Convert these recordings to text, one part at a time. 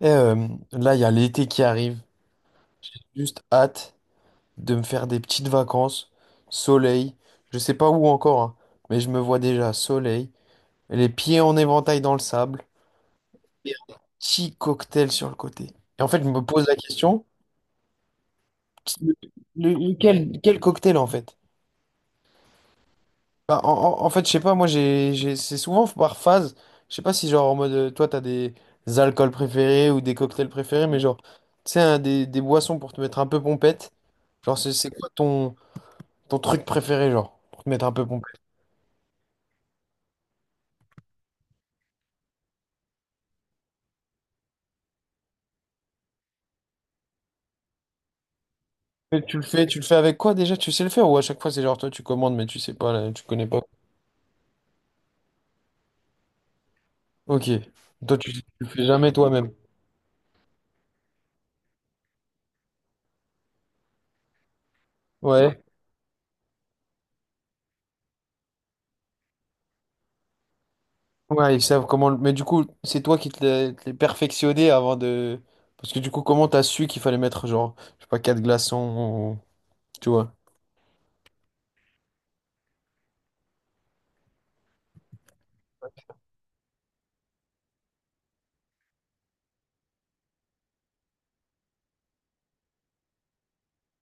Et euh, là, il y a l'été qui arrive. J'ai juste hâte de me faire des petites vacances, soleil. Je sais pas où encore, hein, mais je me vois déjà soleil, les pieds en éventail dans le sable, et un petit cocktail sur le côté. Et en fait, je me pose la question, le- quel cocktail en fait? Bah, en fait, je sais pas, moi, c'est souvent par phase. Je sais pas si, genre, en mode, toi, t'as des alcools préférés ou des cocktails préférés, mais genre, tu sais, hein, des boissons pour te mettre un peu pompette. Genre, c'est quoi ton, ton truc préféré, genre, pour te mettre un peu pompette? Et tu le fais avec quoi déjà? Tu sais le faire ou à chaque fois, c'est genre, toi, tu commandes, mais tu sais pas, là, tu connais pas. Ok. Toi, tu le fais jamais toi-même. Ouais. Ouais, ils savent comment. Mais du coup, c'est toi qui te l'es perfectionné avant de. Parce que du coup, comment t'as su qu'il fallait mettre genre, je sais pas, quatre glaçons, ou- tu vois.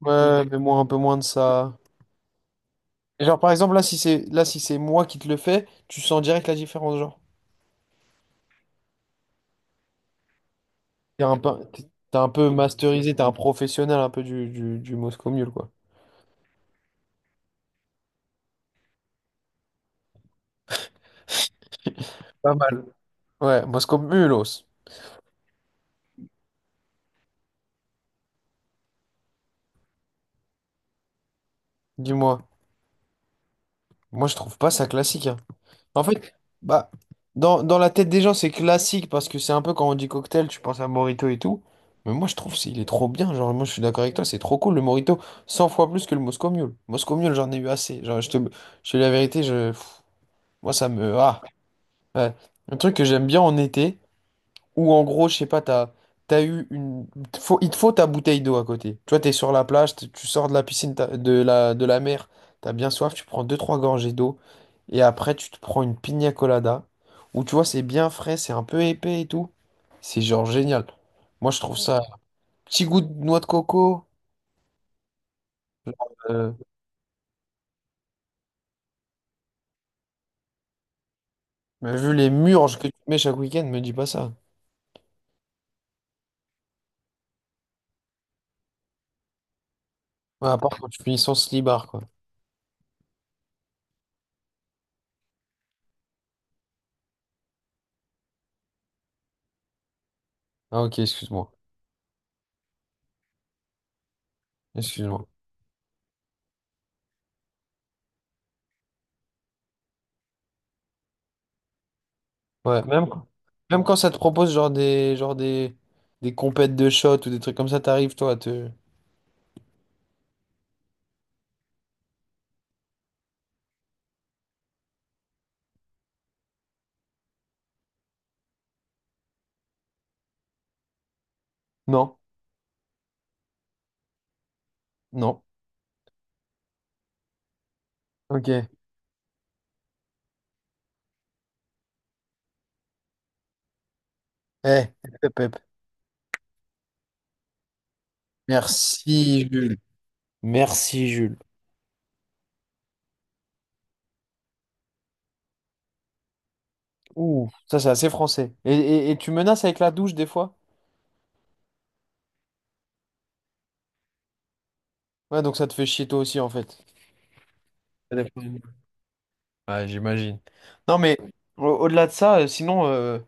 Ouais, mais moi un peu moins de ça. Et genre par exemple là, si c'est moi qui te le fais, tu sens direct la différence, genre. T'es un peu, t'es un peu masterisé, t'es un professionnel un peu du Moscow Mule, quoi. Pas mal. Ouais, Moscow Mulos. Dis-moi. Moi, je trouve pas ça classique, hein. En fait, bah, dans la tête des gens, c'est classique parce que c'est un peu quand on dit cocktail, tu penses à Morito et tout. Mais moi, je trouve c'est il est trop bien. Genre, moi, je suis d'accord avec toi, c'est trop cool le Morito. 100 fois plus que le Moscow Mule. Moscow Mule, j'en ai eu assez. Genre, je te dis la vérité, je, moi, ça me. Ah, ouais. Un truc que j'aime bien en été. Ou en gros, je sais pas, t'as, t'as eu une. Il te faut ta bouteille d'eau à côté. Tu vois, t'es sur la plage, tu sors de la piscine, de la mer, t'as bien soif, tu prends deux, trois gorgées d'eau, et après tu te prends une piña colada. Ou tu vois, c'est bien frais, c'est un peu épais et tout. C'est genre génial. Moi, je trouve ça. Petit goût de noix de coco. euh, mais vu les murges que tu mets chaque week-end, me dis pas ça. Ouais, à part quand tu finis sans slibard, quoi. Ah, ok, excuse-moi. Excuse-moi. Ouais, même quand ça te propose genre des compètes de shot ou des trucs comme ça, t'arrives toi à te. Non, non. Ok. Eh, pep, pep. Merci, Jules. Merci, Jules. Ouh, ça c'est assez français. Et tu menaces avec la douche des fois? Ouais, donc ça te fait chier toi aussi en fait. Ça dépend. Ouais, j'imagine. Non mais au- delà de ça, sinon.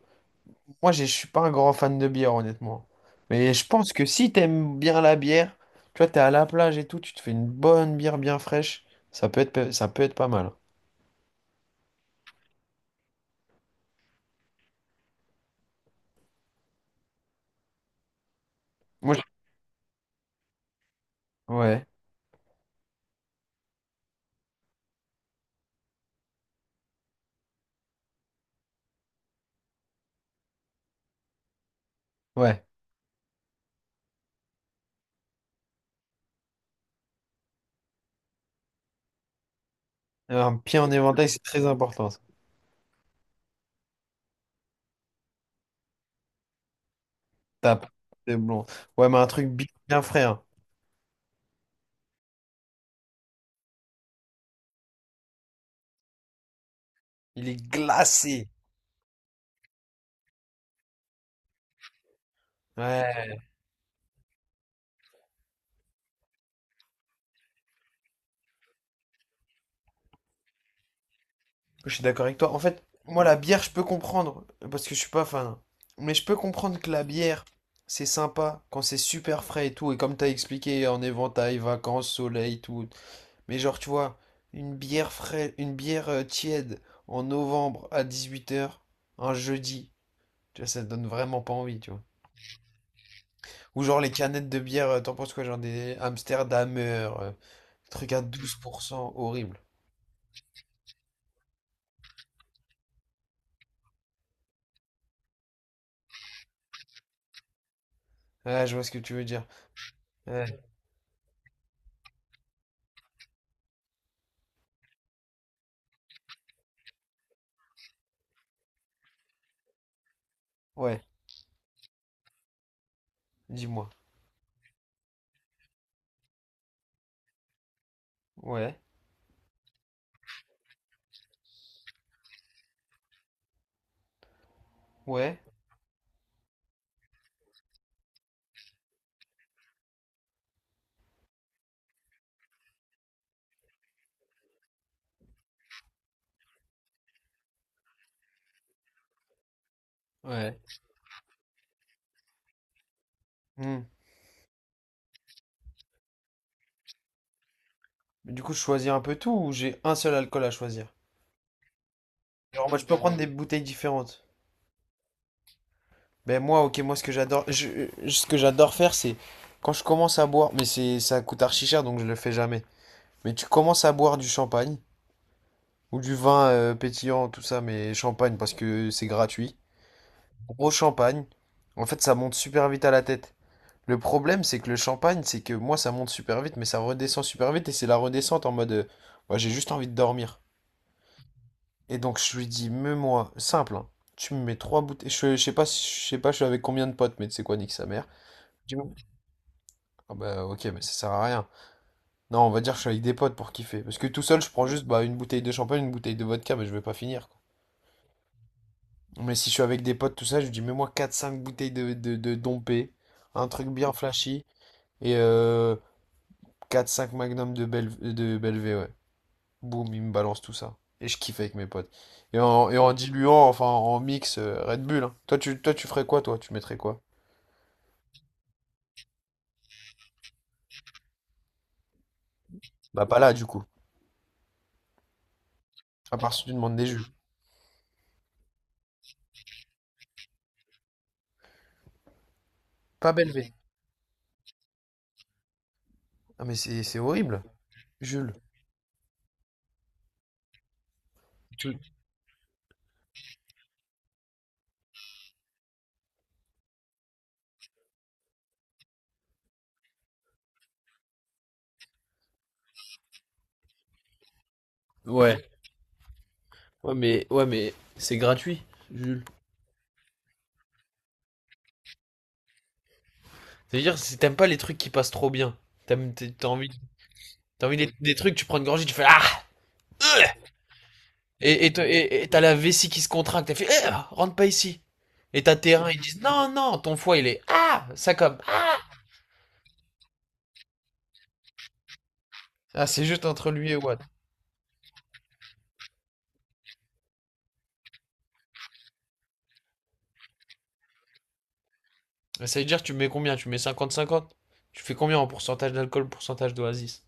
Moi, je suis pas un grand fan de bière, honnêtement. Mais je pense que si t'aimes bien la bière, tu vois, t'es à la plage et tout, tu te fais une bonne bière bien fraîche, ça peut être, ça peut être pas mal. Moi, je- ouais, ouais. Un pied en éventail, c'est très important, ça. Tape, c'est blond. Ouais, mais un truc bien, bien frais, hein. Il est glacé. Ouais. Je suis d'accord avec toi. En fait, moi, la bière, je peux comprendre, parce que je suis pas fan, hein. Mais je peux comprendre que la bière, c'est sympa quand c'est super frais et tout. Et comme t'as expliqué, en éventail, vacances, soleil, tout. Mais genre, tu vois, une bière frais, une bière tiède en novembre à 18h, un jeudi, tu vois, ça donne vraiment pas envie, tu vois. Ou genre les canettes de bière, t'en penses quoi? Genre des Amsterdamer, truc à 12%, horrible. Ah, je vois ce que tu veux dire. Ouais, ouais, dis-moi. Ouais, ouais. Ouais. Hmm. Mais du coup, je choisis un peu tout ou j'ai un seul alcool à choisir? Genre, moi, je peux prendre des bouteilles différentes. Ben moi, ok, moi, ce que j'adore, ce que j'adore faire, c'est quand je commence à boire, mais c'est, ça coûte archi cher, donc je le fais jamais. Mais tu commences à boire du champagne ou du vin pétillant, tout ça, mais champagne parce que c'est gratuit. Gros champagne. En fait, ça monte super vite à la tête. Le problème, c'est que le champagne, c'est que moi, ça monte super vite, mais ça redescend super vite et c'est la redescente en mode, moi, j'ai juste envie de dormir. Et donc je lui dis, mets-moi, simple, hein, tu me mets trois bouteilles. Je sais pas, je sais pas, je suis avec combien de potes, mais tu sais quoi, nique sa mère. Je dis, ah bah ok, mais ça sert à rien. Non, on va dire que je suis avec des potes pour kiffer. Parce que tout seul, je prends juste bah, une bouteille de champagne, une bouteille de vodka, mais je vais pas finir, quoi. Mais si je suis avec des potes, tout ça, je lui dis, mets-moi quatre cinq bouteilles de Dompé, un truc bien flashy, et 4-5 magnums de, de Belvé, ouais. Boum, il me balance tout ça. Et je kiffe avec mes potes. Et en diluant, enfin en mix Red Bull, hein. Toi, toi, tu ferais quoi, toi? Tu mettrais quoi? Bah, pas là, du coup. À part si tu demandes des jus. Pas Belvé. Ah, mais c'est horrible, Jules. Tu- Ouais. Ouais, mais c'est gratuit, Jules. C'est-à-dire, si t'aimes pas les trucs qui passent trop bien, t'aimes, t'es- t'as envie, t'as envie des trucs, tu prends une gorgée, tu fais ah! euh et t'as la vessie qui se contracte, t'as fait eh, rentre pas ici. Et t'as tes reins, ils disent non, non, ton foie il est ah! Ça comme ah, c'est juste entre lui et Watt. Ça veut dire, tu mets combien? Tu mets 50 50. Tu fais combien en pourcentage d'alcool, pourcentage d'oasis?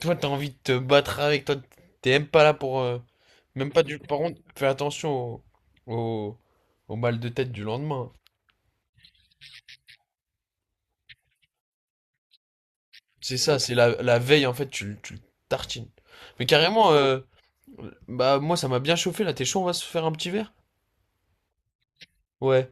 Toi, t'as envie de te battre avec toi. T'es même pas là pour. Même pas du. Par contre, fais attention au, au... au mal de tête du lendemain. C'est ça, c'est la... la veille, en fait, tu le tartines. Mais carrément, bah, moi, ça m'a bien chauffé là. T'es chaud, on va se faire un petit verre? Ouais.